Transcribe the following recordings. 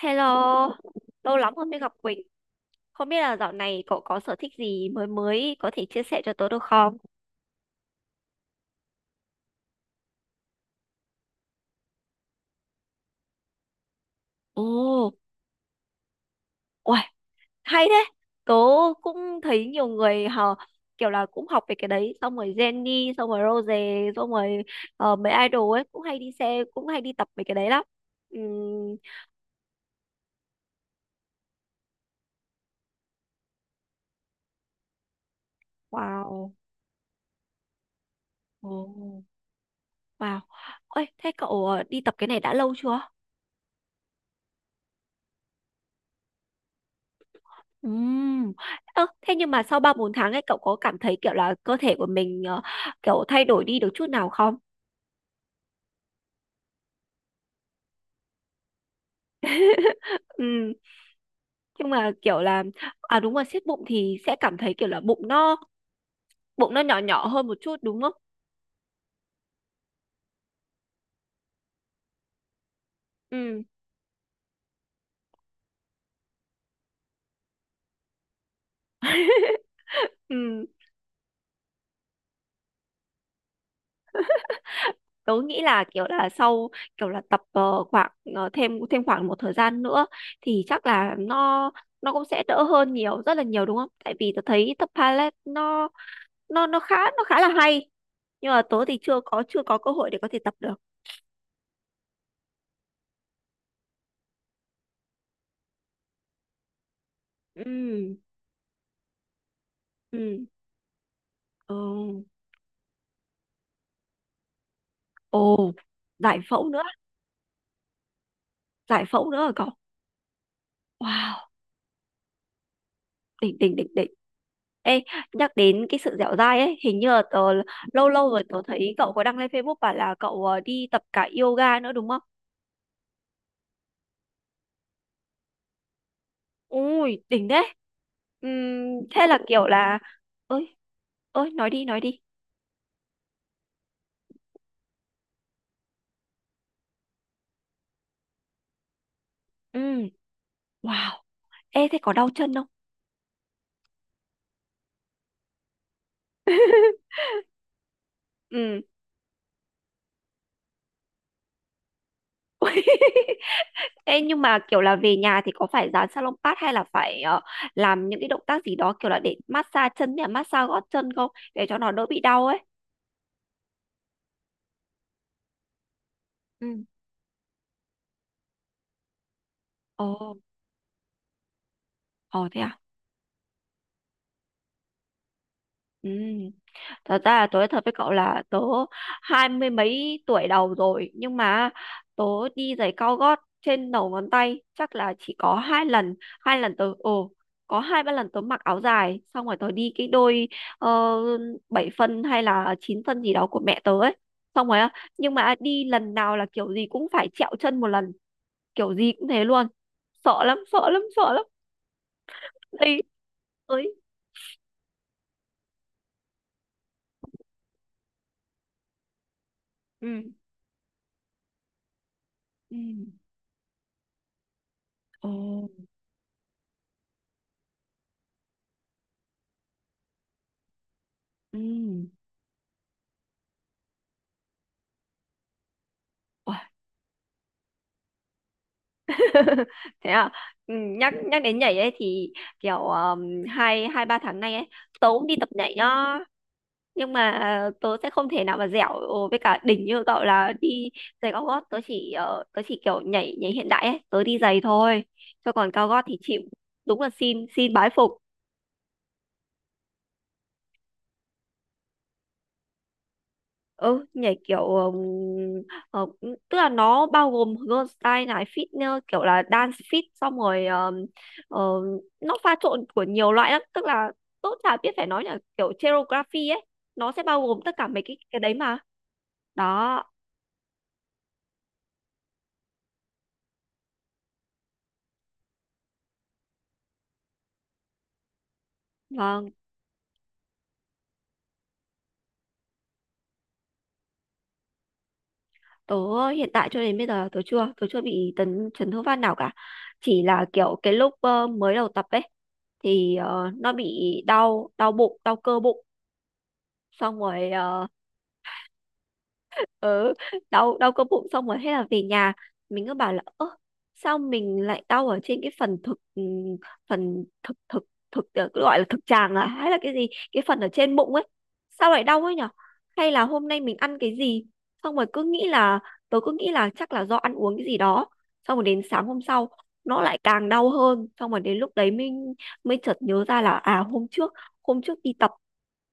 Hello, lâu lắm không mới gặp Quỳnh. Không biết là dạo này cậu có sở thích gì mới mới có thể chia sẻ cho tớ được không? Ồ, uầy, hay thế. Tớ cũng thấy nhiều người họ kiểu là cũng học về cái đấy, xong rồi Jennie, xong rồi Rose, xong rồi mấy idol ấy cũng hay đi xe, cũng hay đi tập về cái đấy lắm. Ừm, wow, ồ, wow. Ôi, thế cậu đi tập cái này đã lâu chưa? Ừm. Ơ, thế nhưng mà sau 3 4 tháng ấy cậu có cảm thấy kiểu là cơ thể của mình kiểu thay đổi đi được chút nào không? Ừm. Nhưng mà kiểu là, à đúng rồi, siết bụng thì sẽ cảm thấy kiểu là bụng nó nhỏ nhỏ hơn một chút đúng không? Ừ. Tớ nghĩ là kiểu là sau, kiểu là tập khoảng thêm thêm khoảng một thời gian nữa thì chắc là nó cũng sẽ đỡ hơn nhiều rất là nhiều đúng không? Tại vì tớ thấy tập ballet nó khá là hay, nhưng mà tớ thì chưa có cơ hội để có thể tập được. Ừ, ừ, ừ. Ồ, giải phẫu nữa giải phẫu nữa rồi cậu. Wow, đỉnh đỉnh đỉnh đỉnh. Ê, nhắc đến cái sự dẻo dai ấy, hình như là lâu lâu rồi tớ thấy cậu có đăng lên Facebook bảo là cậu đi tập cả yoga nữa đúng không? Ui, đỉnh đấy. Ừm, thế là kiểu là, ơi, ơi, nói đi, nói đi. Ừm, wow. Ê thế có đau chân không? Ừm. Ê, nhưng mà kiểu là về nhà thì có phải dán salon pad hay là phải làm những cái động tác gì đó kiểu là để massage chân hay là massage gót chân không, để cho nó đỡ bị đau ấy. Ừ. Ồ, ồ thế à? Ừ. Thật ra là tớ nói thật với cậu là tớ hai mươi mấy tuổi đầu rồi, nhưng mà tớ đi giày cao gót trên đầu ngón tay chắc là chỉ có hai lần, hai lần tớ ồ có hai ba lần tớ mặc áo dài xong rồi tớ đi cái đôi 7 phân hay là 9 phân gì đó của mẹ tớ ấy, xong rồi á, nhưng mà đi lần nào là kiểu gì cũng phải trẹo chân một lần, kiểu gì cũng thế luôn, sợ lắm sợ lắm sợ lắm. Đi. Ơi. Ừ, ừ, ồ, ừ, thế à. Ừ, nhắc nhắc đến nhảy ấy thì kiểu hai hai ba tháng nay ấy tớ cũng đi tập nhảy nhá. Nhưng mà tớ sẽ không thể nào mà dẻo với cả đỉnh như cậu là đi giày cao gót, tớ chỉ kiểu nhảy nhảy hiện đại ấy, tớ đi giày thôi, cho còn cao gót thì chịu. Đúng là xin xin bái phục. Ừ, nhảy kiểu ờ, tức là nó bao gồm girl style này, fitness, kiểu là dance fit, xong rồi ờ, nó pha trộn của nhiều loại lắm, tức là tốt chả biết phải nói, là kiểu choreography ấy, nó sẽ bao gồm tất cả mấy cái đấy mà. Đó. Vâng, tớ hiện tại cho đến bây giờ tớ chưa bị chấn thương phát nào cả, chỉ là kiểu cái lúc mới đầu tập ấy thì nó bị đau đau bụng đau cơ bụng, xong rồi ừ, đau đau cơ bụng xong rồi thế là về nhà, mình cứ bảo là: Ơ, sao mình lại đau ở trên cái phần thực, phần thực thực thực ờ, cứ gọi là thực tràng à, hay là cái gì, cái phần ở trên bụng ấy, sao lại đau ấy nhở? Hay là hôm nay mình ăn cái gì? Xong rồi cứ nghĩ là, chắc là do ăn uống cái gì đó, xong rồi đến sáng hôm sau nó lại càng đau hơn, xong rồi đến lúc đấy mình mới chợt nhớ ra là à, hôm trước, đi tập.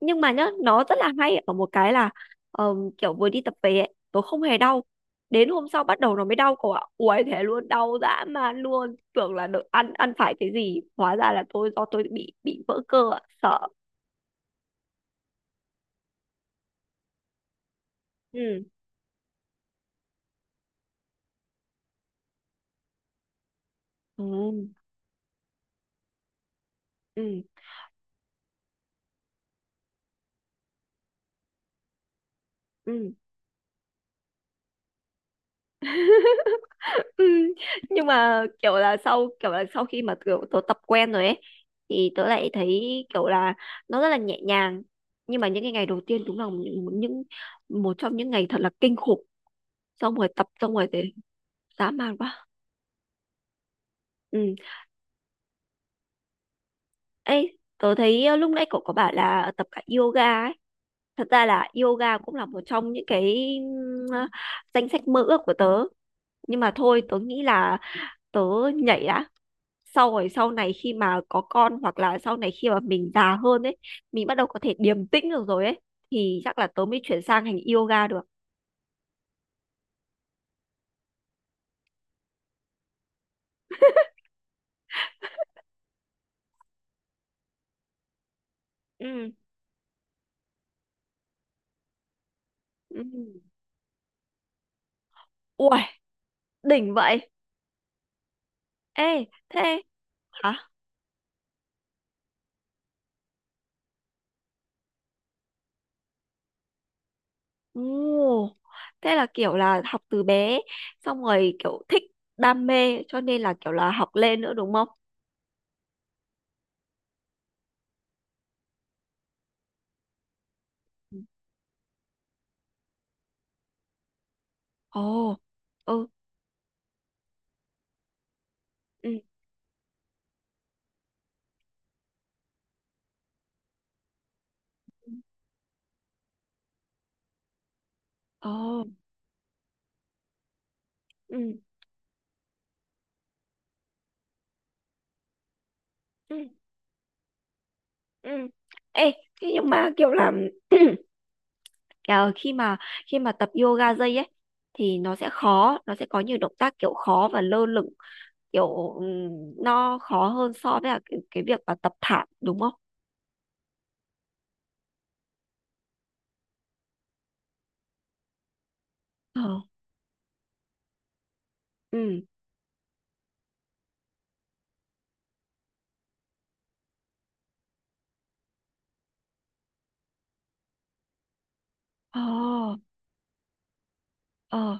Nhưng mà nhá, nó rất là hay ở một cái là kiểu vừa đi tập về ấy, tôi không hề đau, đến hôm sau bắt đầu nó mới dao cậu ạ. Uầy, thế luôn, đau dã man luôn, tưởng là được ăn ăn phải cái gì, hóa ra là tôi, do tôi bị vỡ cơ ạ, sợ. Ừ, ừ, ừ, ừ, ừ. Nhưng mà kiểu là sau, khi mà kiểu tôi tập quen rồi ấy thì tớ lại thấy kiểu là nó rất là nhẹ nhàng. Nhưng mà những cái ngày đầu tiên đúng là những một trong những ngày thật là kinh khủng, xong rồi tập xong rồi thì dã man quá. Ừ. Ê, tớ thấy lúc nãy cậu có bảo là tập cả yoga ấy. Thật ra là yoga cũng là một trong những cái ừm, ờ, danh sách mơ ước của tớ, nhưng mà thôi tớ nghĩ là tớ nhảy đã, sau rồi sau này khi mà có con hoặc là sau này khi mà mình già hơn ấy, mình bắt đầu có thể điềm tĩnh được rồi ấy thì chắc là tớ mới chuyển sang hành yoga được. Ừ, ừ, ui đỉnh vậy. Ê, thế hả? Ồ, thế là kiểu là học từ bé xong rồi kiểu thích đam mê cho nên là kiểu là học lên nữa đúng không? Ồ, ừ, ừ, ồ, ừ, ừ, ừ. Ê, thế nhưng mà kiểu là kiểu khi mà tập yoga dây ấy thì nó sẽ khó, nó sẽ có nhiều động tác kiểu khó và lơ lửng, kiểu nó khó hơn so với là cái việc mà tập thảm đúng không? Ờ, ừ, ờ, ờ,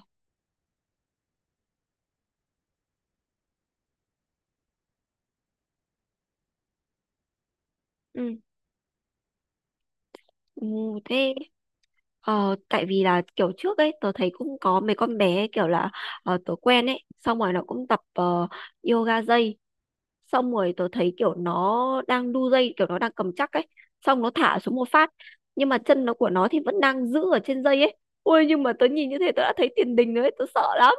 ừ, ừ, thế. Ờ, tại vì là kiểu trước ấy tớ thấy cũng có mấy con bé ấy, kiểu là tớ quen ấy xong rồi nó cũng tập yoga dây, xong rồi tớ thấy kiểu nó đang đu dây, kiểu nó đang cầm chắc ấy, xong nó thả xuống một phát, nhưng mà chân của nó thì vẫn đang giữ ở trên dây ấy. Ôi, nhưng mà tớ nhìn như thế tớ đã thấy tiền đình rồi ấy, tớ sợ lắm.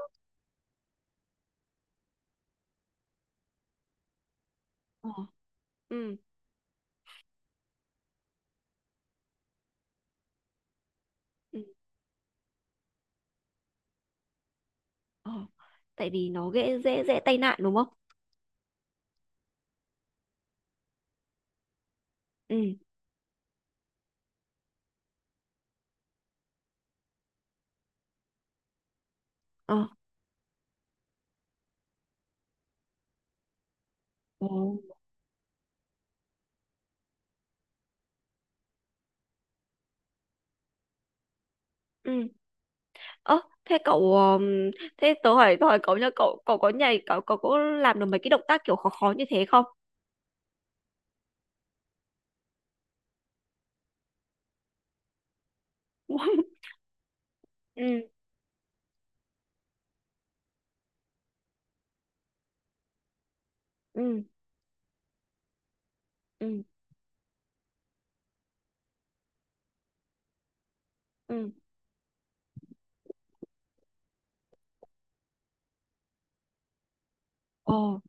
Ờ, ừ, ừ, ờ. Tại vì nó dễ dễ dễ tai nạn đúng không? Ừ. Ờ. Ừ. Ừ. Ơ, thế cậu thế tớ hỏi, cậu nhá, cậu cậu có nhảy cậu cậu có làm được mấy cái động tác kiểu khó khó như thế không? Ừ, ừ, ừ, ừ. Ồ,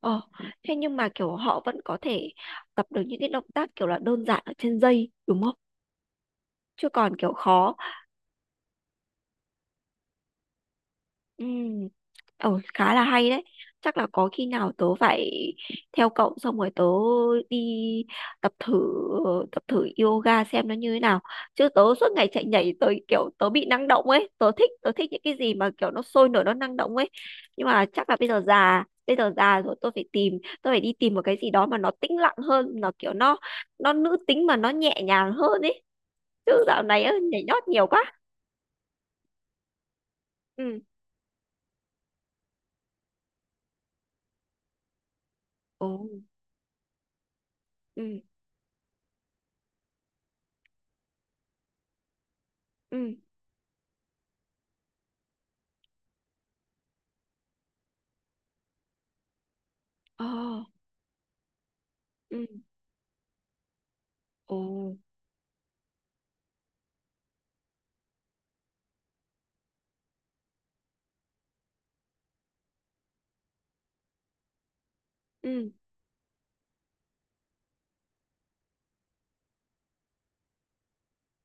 ồ. Thế nhưng mà kiểu họ vẫn có thể tập được những cái động tác kiểu là đơn giản ở trên dây đúng không? Chứ còn kiểu khó. Ừ. Ừ, khá là hay đấy. Chắc là có khi nào tớ phải theo cậu xong rồi tớ đi tập thử tập thử yoga xem nó như thế nào. Chứ tớ suốt ngày chạy nhảy, tớ kiểu tớ bị năng động ấy, tớ thích những cái gì mà kiểu nó sôi nổi nó năng động ấy. Nhưng mà chắc là bây giờ già rồi, tôi phải đi tìm một cái gì đó mà nó tĩnh lặng hơn, nó kiểu nó nữ tính mà nó nhẹ nhàng hơn ấy. Chứ dạo này á, nhảy nhót nhiều quá. Ừ. Ồ. Ừ. Ừ. Ồ. Ừ. Ồ, ừ,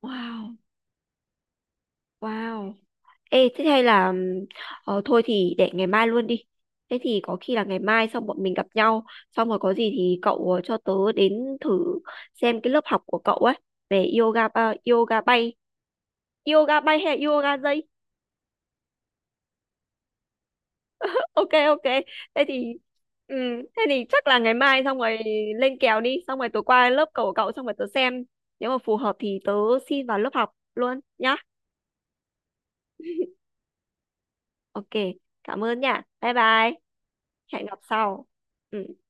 wow, wow. Ê, thế hay là thôi thì để ngày mai luôn đi. Thế thì có khi là ngày mai xong bọn mình gặp nhau, xong rồi có gì thì cậu cho tớ đến thử xem cái lớp học của cậu ấy về yoga à, yoga bay hay là yoga dây. Ok ok. Thế thì ừm, chắc là ngày mai xong rồi lên kèo đi, xong rồi tớ qua lớp của cậu xong rồi tớ xem nếu mà phù hợp thì tớ xin vào lớp học luôn nhá. Ok, cảm ơn nha. Bye bye. Hẹn gặp sau. Ừ.